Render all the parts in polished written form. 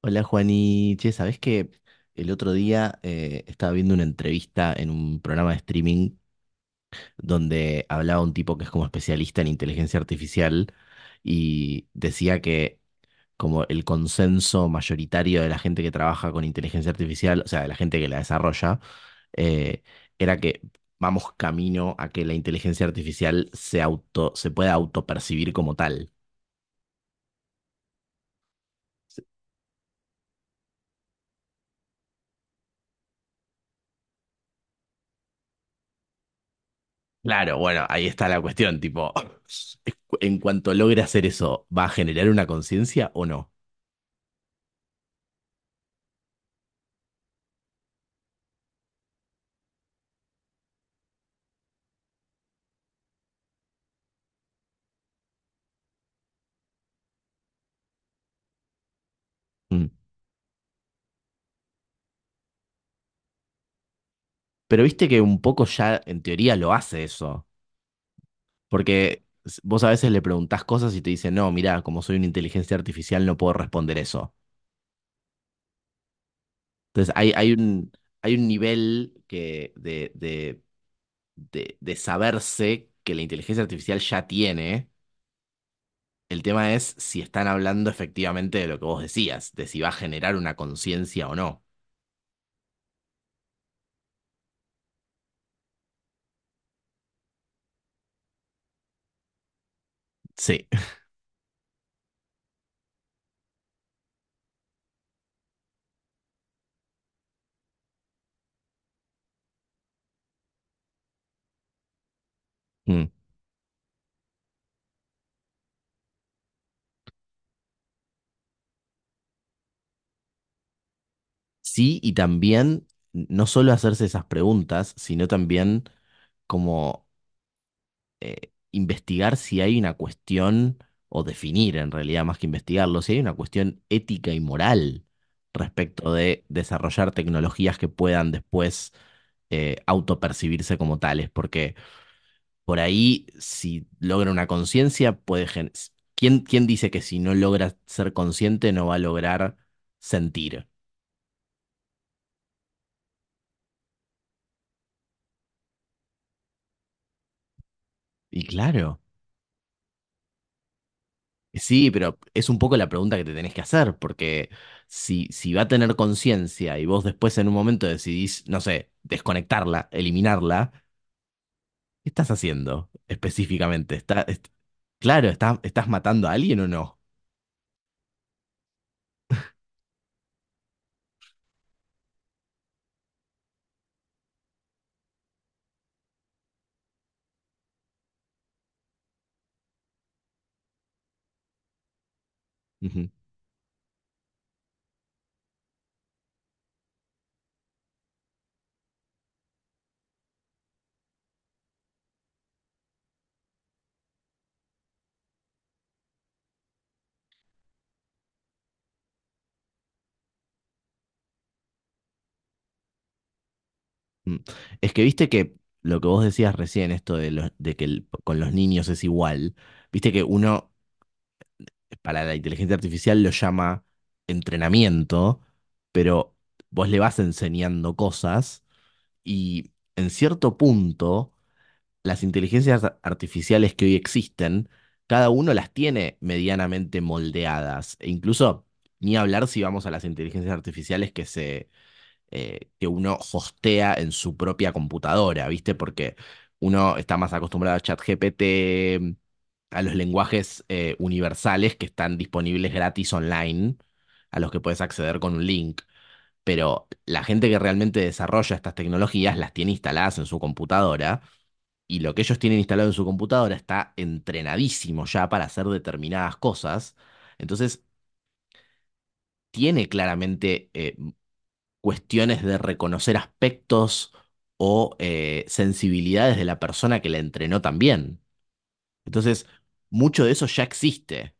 Hola Juani, che, ¿sabés que el otro día estaba viendo una entrevista en un programa de streaming donde hablaba un tipo que es como especialista en inteligencia artificial y decía que como el consenso mayoritario de la gente que trabaja con inteligencia artificial, o sea, de la gente que la desarrolla, eh, era que vamos camino a que la inteligencia artificial se pueda autopercibir como tal. Claro, bueno, ahí está la cuestión, tipo, en cuanto logre hacer eso, ¿va a generar una conciencia o no? Mm. Pero viste que un poco ya en teoría lo hace eso, porque vos a veces le preguntás cosas y te dicen, no, mira, como soy una inteligencia artificial no puedo responder eso. Entonces hay un nivel que de saberse que la inteligencia artificial ya tiene. El tema es si están hablando efectivamente de lo que vos decías, de si va a generar una conciencia o no. Sí. Mm. Sí, y también no solo hacerse esas preguntas, sino también como investigar si hay una cuestión, o definir en realidad más que investigarlo, si hay una cuestión ética y moral respecto de desarrollar tecnologías que puedan después autopercibirse como tales, porque por ahí si logra una conciencia, ¿Quién dice que si no logra ser consciente no va a lograr sentir? Y claro. Sí, pero es un poco la pregunta que te tenés que hacer, porque si va a tener conciencia y vos después en un momento decidís, no sé, desconectarla, eliminarla, ¿qué estás haciendo específicamente? Claro, ¿estás matando a alguien o no? Ujú, mm. Es que viste que lo que vos decías recién, esto de, los- de que el- con los niños es igual, viste que uno para la inteligencia artificial lo llama entrenamiento, pero vos le vas enseñando cosas. Y en cierto punto, las inteligencias artificiales que hoy existen, cada uno las tiene medianamente moldeadas. E incluso, ni hablar si vamos a las inteligencias artificiales que uno hostea en su propia computadora, ¿viste? Porque uno está más acostumbrado a ChatGPT, a los lenguajes universales que están disponibles gratis online, a los que puedes acceder con un link, pero la gente que realmente desarrolla estas tecnologías las tiene instaladas en su computadora y lo que ellos tienen instalado en su computadora está entrenadísimo ya para hacer determinadas cosas. Entonces, tiene claramente cuestiones de reconocer aspectos o sensibilidades de la persona que la entrenó también. Entonces, mucho de eso ya existe.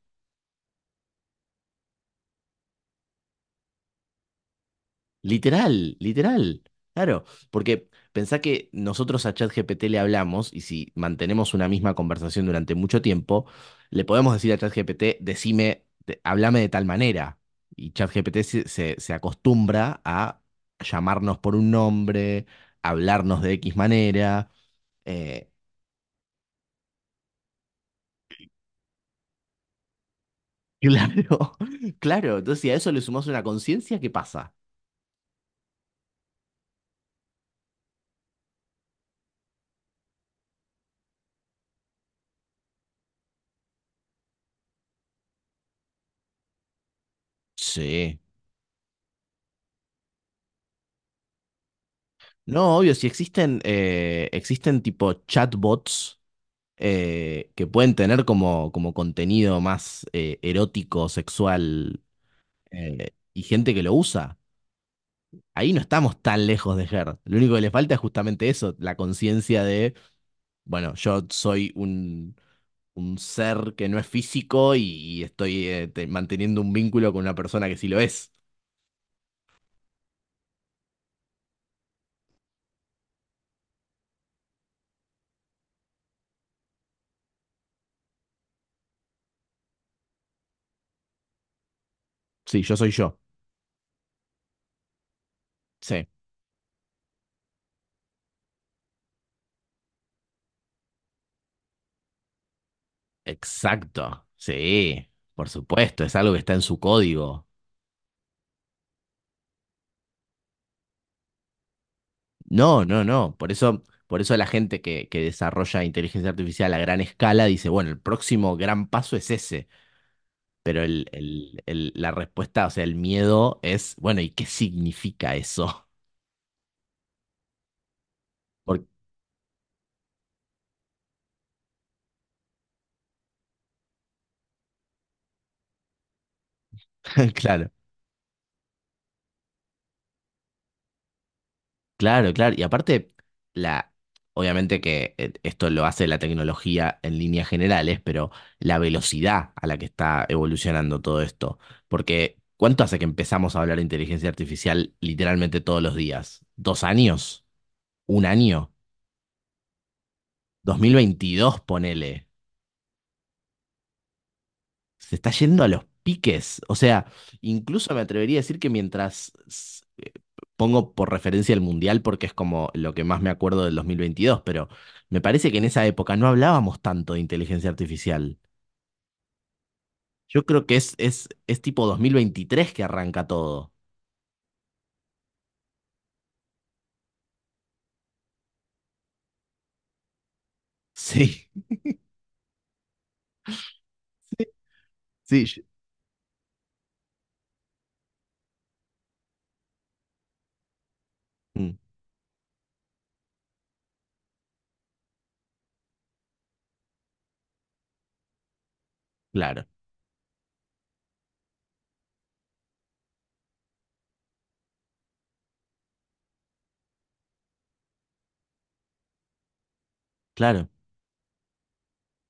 Literal, literal. Claro, porque pensá que nosotros a ChatGPT le hablamos y si mantenemos una misma conversación durante mucho tiempo, le podemos decir a ChatGPT, decime, háblame de tal manera. Y ChatGPT se acostumbra a llamarnos por un nombre, hablarnos de X manera. eh, claro, claro. Entonces, si a eso le sumamos una conciencia, ¿qué pasa? Sí. No, obvio, si existen, existen tipo chatbots que pueden tener como, como contenido más erótico, sexual, y gente que lo usa. Ahí no estamos tan lejos de Her. Lo único que le falta es justamente eso, la conciencia de, bueno, un ser que no es físico y estoy manteniendo un vínculo con una persona que sí lo es. Sí, yo soy yo. Sí. Exacto. Sí, por supuesto, es algo que está en su código. No, no, no. Por eso la gente que desarrolla inteligencia artificial a gran escala dice, bueno, el próximo gran paso es ese. Pero la respuesta, o sea, el miedo es, bueno, ¿y qué significa eso? Porque, claro, claro, claro. Y aparte, la, obviamente que esto lo hace la tecnología en líneas generales, pero la velocidad a la que está evolucionando todo esto. Porque, ¿cuánto hace que empezamos a hablar de inteligencia artificial literalmente todos los días? ¿Dos años? Un año, 2022 ponele, se está yendo a los piques. O sea, incluso me atrevería a decir que mientras pongo por referencia el Mundial porque es como lo que más me acuerdo del 2022, pero me parece que en esa época no hablábamos tanto de inteligencia artificial. Yo creo que es tipo 2023 que arranca todo. Sí, sí, mm, claro, claro.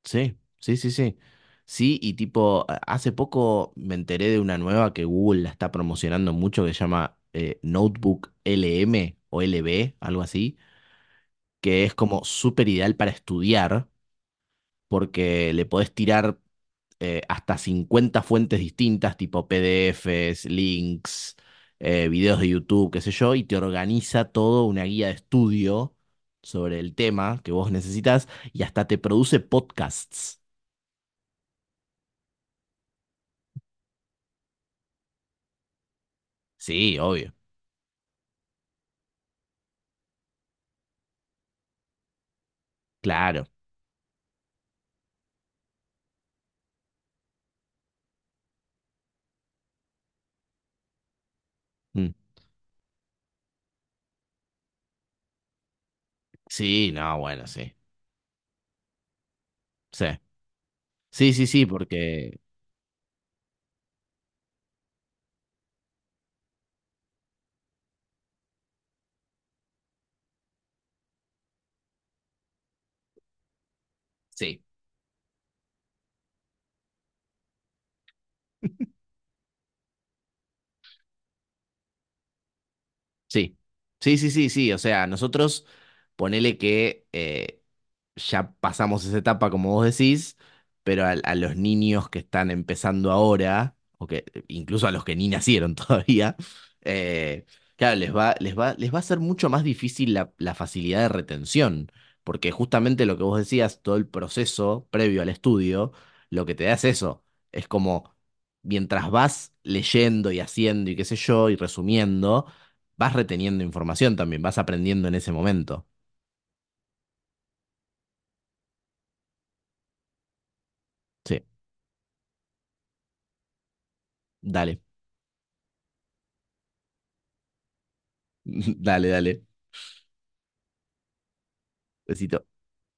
Sí, sí, sí, sí. Sí, y tipo, hace poco me enteré de una nueva que Google la está promocionando mucho que se llama Notebook LM o LB algo así, que es como súper ideal para estudiar porque le podés tirar hasta 50 fuentes distintas, tipo PDFs, links, videos de YouTube, qué sé yo, y te organiza todo una guía de estudio sobre el tema que vos necesitas y hasta te produce podcasts. Sí, obvio. Claro. Mm. Sí, no, bueno, sí. Sí, sí, sí, sí, porque... Sí. Sí, sí, sí, sí, sí. O sea, nosotros ponele que ya pasamos esa etapa, como vos decís, pero los niños que están empezando ahora, o que incluso a los que ni nacieron todavía, eh, claro, les va a ser mucho más difícil la, la facilidad de retención, porque justamente lo que vos decías, todo el proceso previo al estudio, lo que te da es eso. Es como, mientras vas leyendo y haciendo y qué sé yo, y resumiendo vas reteniendo información también, vas aprendiendo en ese momento. Sí, dale, dale, dale. Besito.